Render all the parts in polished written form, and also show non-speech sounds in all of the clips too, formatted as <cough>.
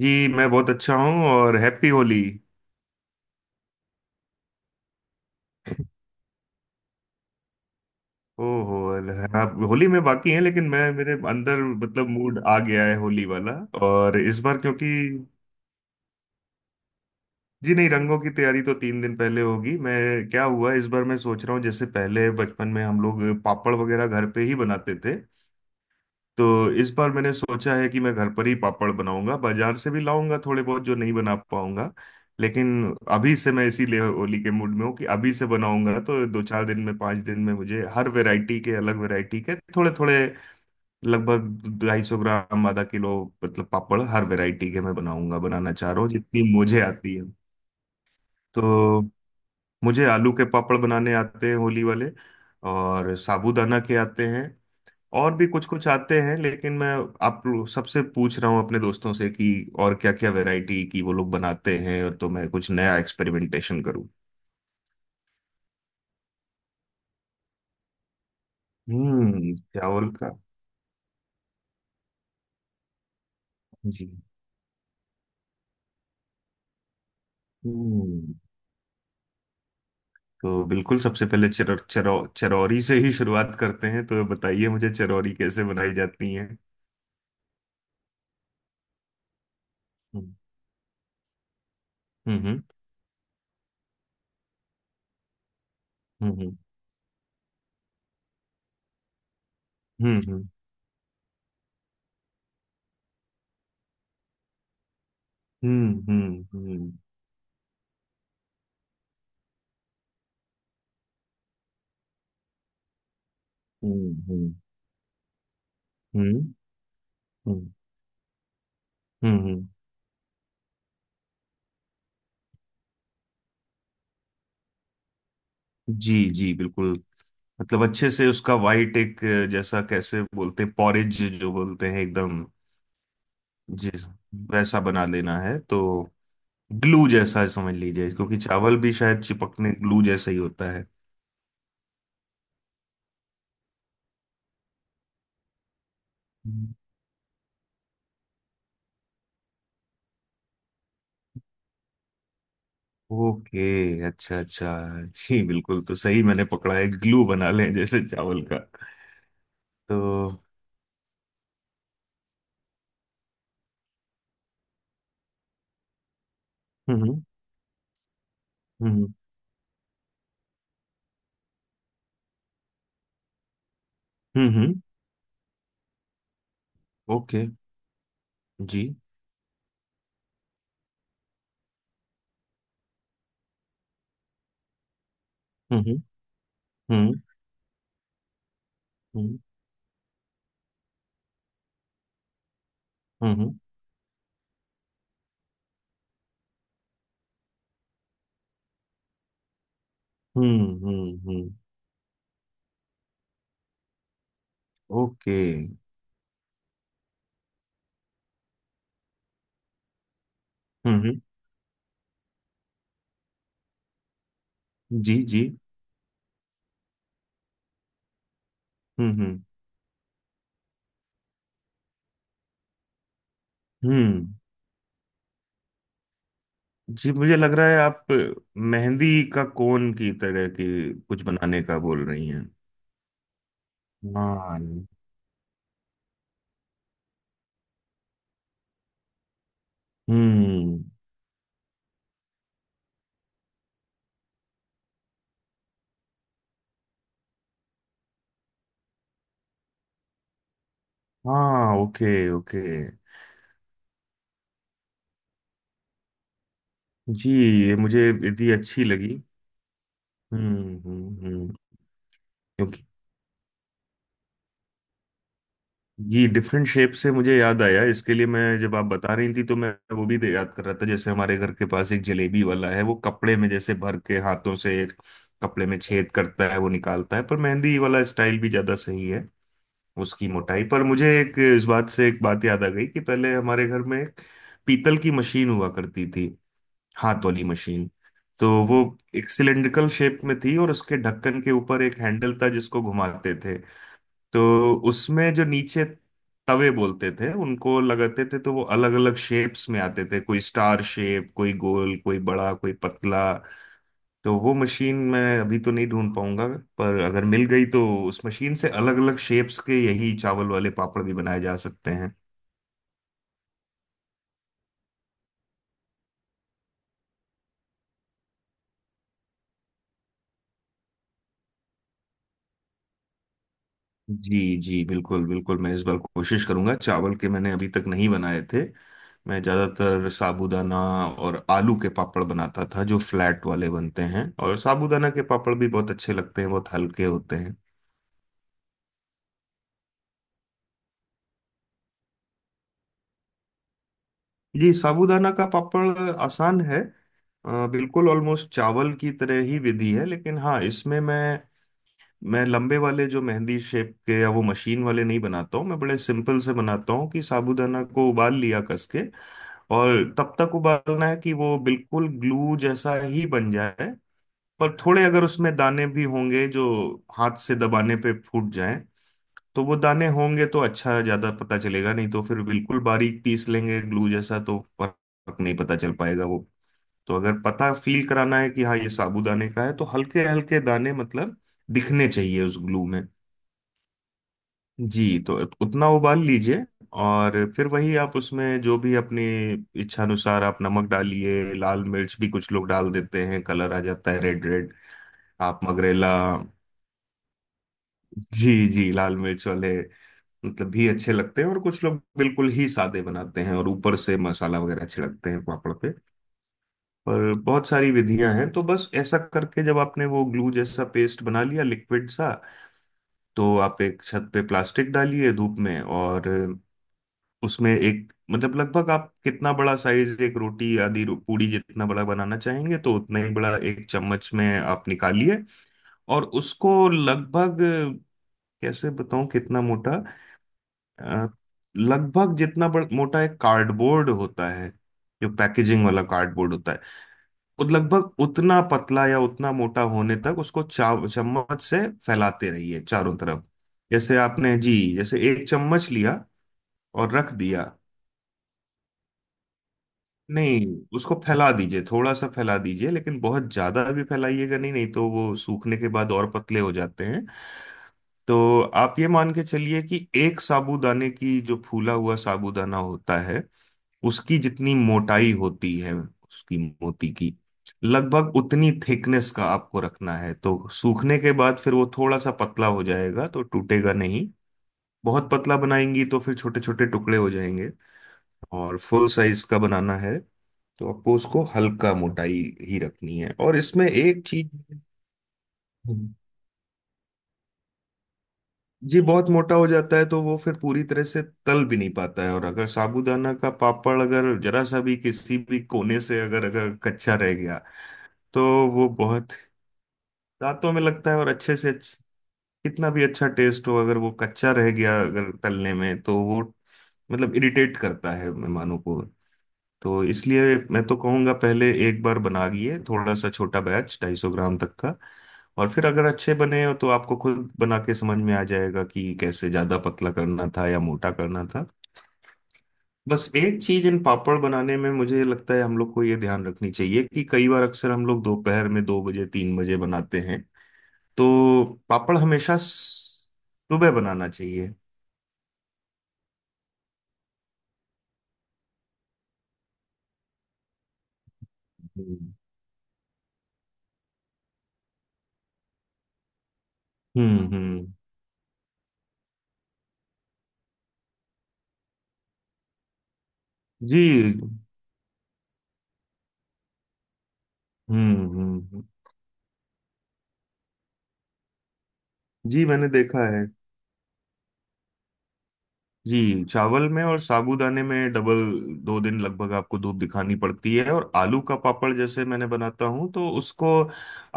जी, मैं बहुत अच्छा हूँ और हैप्पी होली। ओहो, आप होली में बाकी हैं, लेकिन मैं, मेरे अंदर मतलब मूड आ गया है होली वाला। और इस बार क्योंकि। जी नहीं, रंगों की तैयारी तो 3 दिन पहले होगी। मैं क्या हुआ, इस बार मैं सोच रहा हूँ, जैसे पहले बचपन में हम लोग पापड़ वगैरह घर पे ही बनाते थे। तो इस बार मैंने सोचा है कि मैं घर पर ही पापड़ बनाऊंगा, बाजार से भी लाऊंगा थोड़े बहुत, जो नहीं बना पाऊंगा। लेकिन अभी से मैं इसीलिए होली के मूड में हूँ, कि अभी से बनाऊंगा तो दो चार दिन में, 5 दिन में मुझे हर वैरायटी के, अलग वैरायटी के थोड़े थोड़े, लगभग 250 ग्राम, आधा किलो मतलब पापड़ हर वैरायटी के मैं बनाऊंगा, बनाना चाह रहा हूँ जितनी मुझे आती है। तो मुझे आलू के पापड़ बनाने आते हैं, होली वाले। और साबूदाना के आते हैं, और भी कुछ कुछ आते हैं, लेकिन मैं सबसे पूछ रहा हूँ अपने दोस्तों से कि और क्या क्या वैरायटी की वो लोग बनाते हैं, और तो मैं कुछ नया एक्सपेरिमेंटेशन करूँ। हम्म, चावल का। जी। हम्म। तो बिल्कुल सबसे पहले चरौरी से ही शुरुआत करते हैं, तो बताइए मुझे चरौरी कैसे बनाई जाती है। हम्म, हम्म, हम्म, हम्म, हम्म, हम्म, हम्म, हम्म, हम्म, हम्म, हम्म, हम्म, हम्म। जी जी, बिल्कुल। मतलब अच्छे से उसका वाइट, एक जैसा कैसे बोलते हैं, पॉरेज जो बोलते हैं एकदम। जिस वैसा बना लेना है तो, ग्लू जैसा समझ लीजिए, क्योंकि चावल भी शायद चिपकने ग्लू जैसा ही होता है। ओके। अच्छा अच्छा। जी बिल्कुल, तो सही मैंने पकड़ा है, ग्लू बना लें जैसे चावल का। तो हम्म, हम्म, हम्म, हम्म। ओके। जी। हम्म, हम्म, हम्म, हम्म, हम्म, हम्म, हम्म। ओके। हम्म, जी जी। हम्म, हम्म। जी मुझे लग रहा है आप मेहंदी का कोन की तरह की कुछ बनाने का बोल रही हैं। हाँ। हम्म। हाँ, ओके ओके। जी। ये मुझे यदि अच्छी लगी। हम्म, हम्म, हम्म। क्योंकि ये डिफरेंट शेप से मुझे याद आया, इसके लिए मैं जब आप बता रही थी, तो मैं वो भी याद कर रहा था, जैसे हमारे घर के पास एक जलेबी वाला है, वो कपड़े में जैसे भर के हाथों से कपड़े में छेद करता है, वो निकालता है। पर मेहंदी वाला स्टाइल भी ज्यादा सही है। उसकी मोटाई पर मुझे एक इस बात से एक बात याद आ गई, कि पहले हमारे घर में एक पीतल की मशीन हुआ करती थी, हाथ वाली मशीन। तो वो एक सिलेंड्रिकल शेप में थी, और उसके ढक्कन के ऊपर एक हैंडल था जिसको घुमाते थे। तो उसमें जो नीचे तवे बोलते थे उनको लगाते थे, तो वो अलग अलग शेप्स में आते थे, कोई स्टार शेप, कोई गोल, कोई बड़ा, कोई पतला। तो वो मशीन मैं अभी तो नहीं ढूंढ पाऊंगा, पर अगर मिल गई तो उस मशीन से अलग अलग शेप्स के यही चावल वाले पापड़ भी बनाए जा सकते हैं। जी जी, बिल्कुल बिल्कुल, मैं इस बार कोशिश करूंगा चावल के, मैंने अभी तक नहीं बनाए थे। मैं ज्यादातर साबूदाना और आलू के पापड़ बनाता था, जो फ्लैट वाले बनते हैं, और साबूदाना के पापड़ भी बहुत अच्छे लगते हैं, बहुत हल्के होते हैं। जी, साबूदाना का पापड़ आसान है। बिल्कुल ऑलमोस्ट चावल की तरह ही विधि है, लेकिन हाँ, इसमें मैं लंबे वाले जो मेहंदी शेप के या वो मशीन वाले नहीं बनाता हूँ। मैं बड़े सिंपल से बनाता हूँ, कि साबूदाना को उबाल लिया कस के, और तब तक उबालना है कि वो बिल्कुल ग्लू जैसा ही बन जाए। पर थोड़े अगर उसमें दाने भी होंगे, जो हाथ से दबाने पे फूट जाएं, तो वो दाने होंगे तो अच्छा, ज्यादा पता चलेगा। नहीं तो फिर बिल्कुल बारीक पीस लेंगे ग्लू जैसा तो फर्क नहीं पता चल पाएगा वो। तो अगर पता फील कराना है कि हाँ, ये साबूदाने का है, तो हल्के हल्के दाने मतलब दिखने चाहिए उस ग्लू में। जी, तो उतना उबाल लीजिए। और फिर वही आप उसमें जो भी अपनी इच्छानुसार आप नमक डालिए, लाल मिर्च भी कुछ लोग डाल देते हैं, कलर आ जाता है रेड रेड। आप मगरेला, जी जी, लाल मिर्च वाले मतलब भी अच्छे लगते हैं। और कुछ लोग बिल्कुल ही सादे बनाते हैं, और ऊपर से मसाला वगैरह छिड़कते हैं पापड़ पे। और बहुत सारी विधियां हैं। तो बस ऐसा करके, जब आपने वो ग्लू जैसा पेस्ट बना लिया, लिक्विड सा, तो आप एक छत पे प्लास्टिक डालिए धूप में, और उसमें एक मतलब लगभग आप कितना बड़ा साइज, एक रोटी आदि पूड़ी जितना बड़ा बनाना चाहेंगे, तो उतना ही बड़ा एक चम्मच में आप निकालिए। और उसको लगभग, कैसे बताऊं कितना मोटा, अ, लगभग जितना मोटा एक कार्डबोर्ड होता है, जो पैकेजिंग वाला कार्डबोर्ड होता है, वो लगभग उतना पतला या उतना मोटा होने तक उसको चा चम्मच से फैलाते रहिए चारों तरफ। जैसे आपने, जी जैसे एक चम्मच लिया और रख दिया, नहीं, उसको फैला दीजिए, थोड़ा सा फैला दीजिए, लेकिन बहुत ज्यादा भी फैलाइएगा नहीं, नहीं तो वो सूखने के बाद और पतले हो जाते हैं। तो आप ये मान के चलिए कि एक साबूदाने की, जो फूला हुआ साबूदाना होता है, उसकी जितनी मोटाई होती है, उसकी मोती की, लगभग उतनी थिकनेस का आपको रखना है। तो सूखने के बाद फिर वो थोड़ा सा पतला हो जाएगा, तो टूटेगा नहीं। बहुत पतला बनाएंगी तो फिर छोटे छोटे टुकड़े हो जाएंगे। और फुल साइज का बनाना है, तो आपको उसको हल्का मोटाई ही रखनी है। और इसमें एक चीज। हम्म। जी, बहुत मोटा हो जाता है तो वो फिर पूरी तरह से तल भी नहीं पाता है, और अगर साबूदाना का पापड़, अगर जरा सा भी किसी भी कोने से अगर अगर कच्चा रह गया, तो वो बहुत दांतों में लगता है, और अच्छे से कितना भी अच्छा टेस्ट हो, अगर वो कच्चा रह गया अगर तलने में, तो वो मतलब इरिटेट करता है मेहमानों को। तो इसलिए मैं तो कहूँगा, पहले एक बार बनाइए थोड़ा सा छोटा बैच, 250 ग्राम तक का। और फिर अगर अच्छे बने हो, तो आपको खुद बना के समझ में आ जाएगा कि कैसे ज़्यादा पतला करना था या मोटा करना था। बस एक चीज़ इन पापड़ बनाने में मुझे लगता है हम लोग को ये ध्यान रखनी चाहिए, कि कई बार अक्सर हम लोग दोपहर में 2 बजे 3 बजे बनाते हैं। तो पापड़ हमेशा सुबह बनाना चाहिए। हम्म, हम्म, जी। हम्म, हम्म, जी मैंने देखा है, जी चावल में और साबूदाने में डबल, 2 दिन लगभग आपको धूप दिखानी पड़ती है। और आलू का पापड़ जैसे मैंने बनाता हूँ तो उसको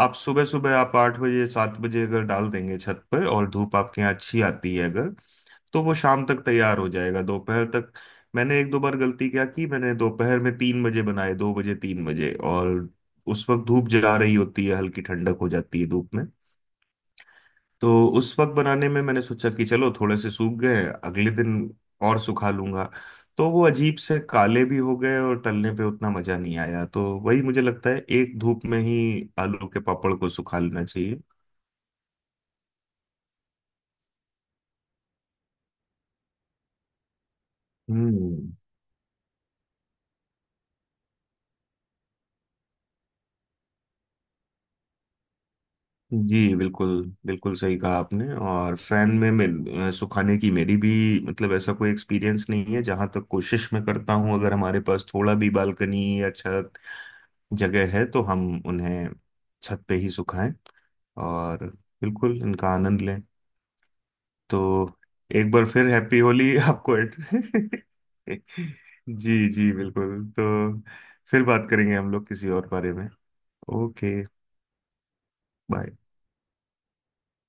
आप सुबह सुबह, आप 8 बजे 7 बजे अगर डाल देंगे छत पर, और धूप आपके यहाँ अच्छी आती है अगर, तो वो शाम तक तैयार हो जाएगा, दोपहर तक। मैंने एक दो बार गलती क्या की, मैंने दोपहर में 3 बजे बनाए, 2 बजे 3 बजे, और उस वक्त धूप जला रही होती है, हल्की ठंडक हो जाती है धूप में, तो उस वक्त बनाने में मैंने सोचा कि चलो, थोड़े से सूख गए, अगले दिन और सुखा लूंगा। तो वो अजीब से काले भी हो गए, और तलने पे उतना मजा नहीं आया। तो वही मुझे लगता है, एक धूप में ही आलू के पापड़ को सुखा लेना चाहिए। हम्म। जी बिल्कुल, बिल्कुल सही कहा आपने। और फैन में मिल, सुखाने की मेरी भी मतलब ऐसा कोई एक्सपीरियंस नहीं है। जहां तक कोशिश मैं करता हूँ, अगर हमारे पास थोड़ा भी बालकनी या छत जगह है, तो हम उन्हें छत पे ही सुखाएं, और बिल्कुल इनका आनंद लें। तो एक बार फिर हैप्पी होली आपको। <laughs> जी जी, बिल्कुल। तो फिर बात करेंगे हम लोग किसी और बारे में। ओके। बाय।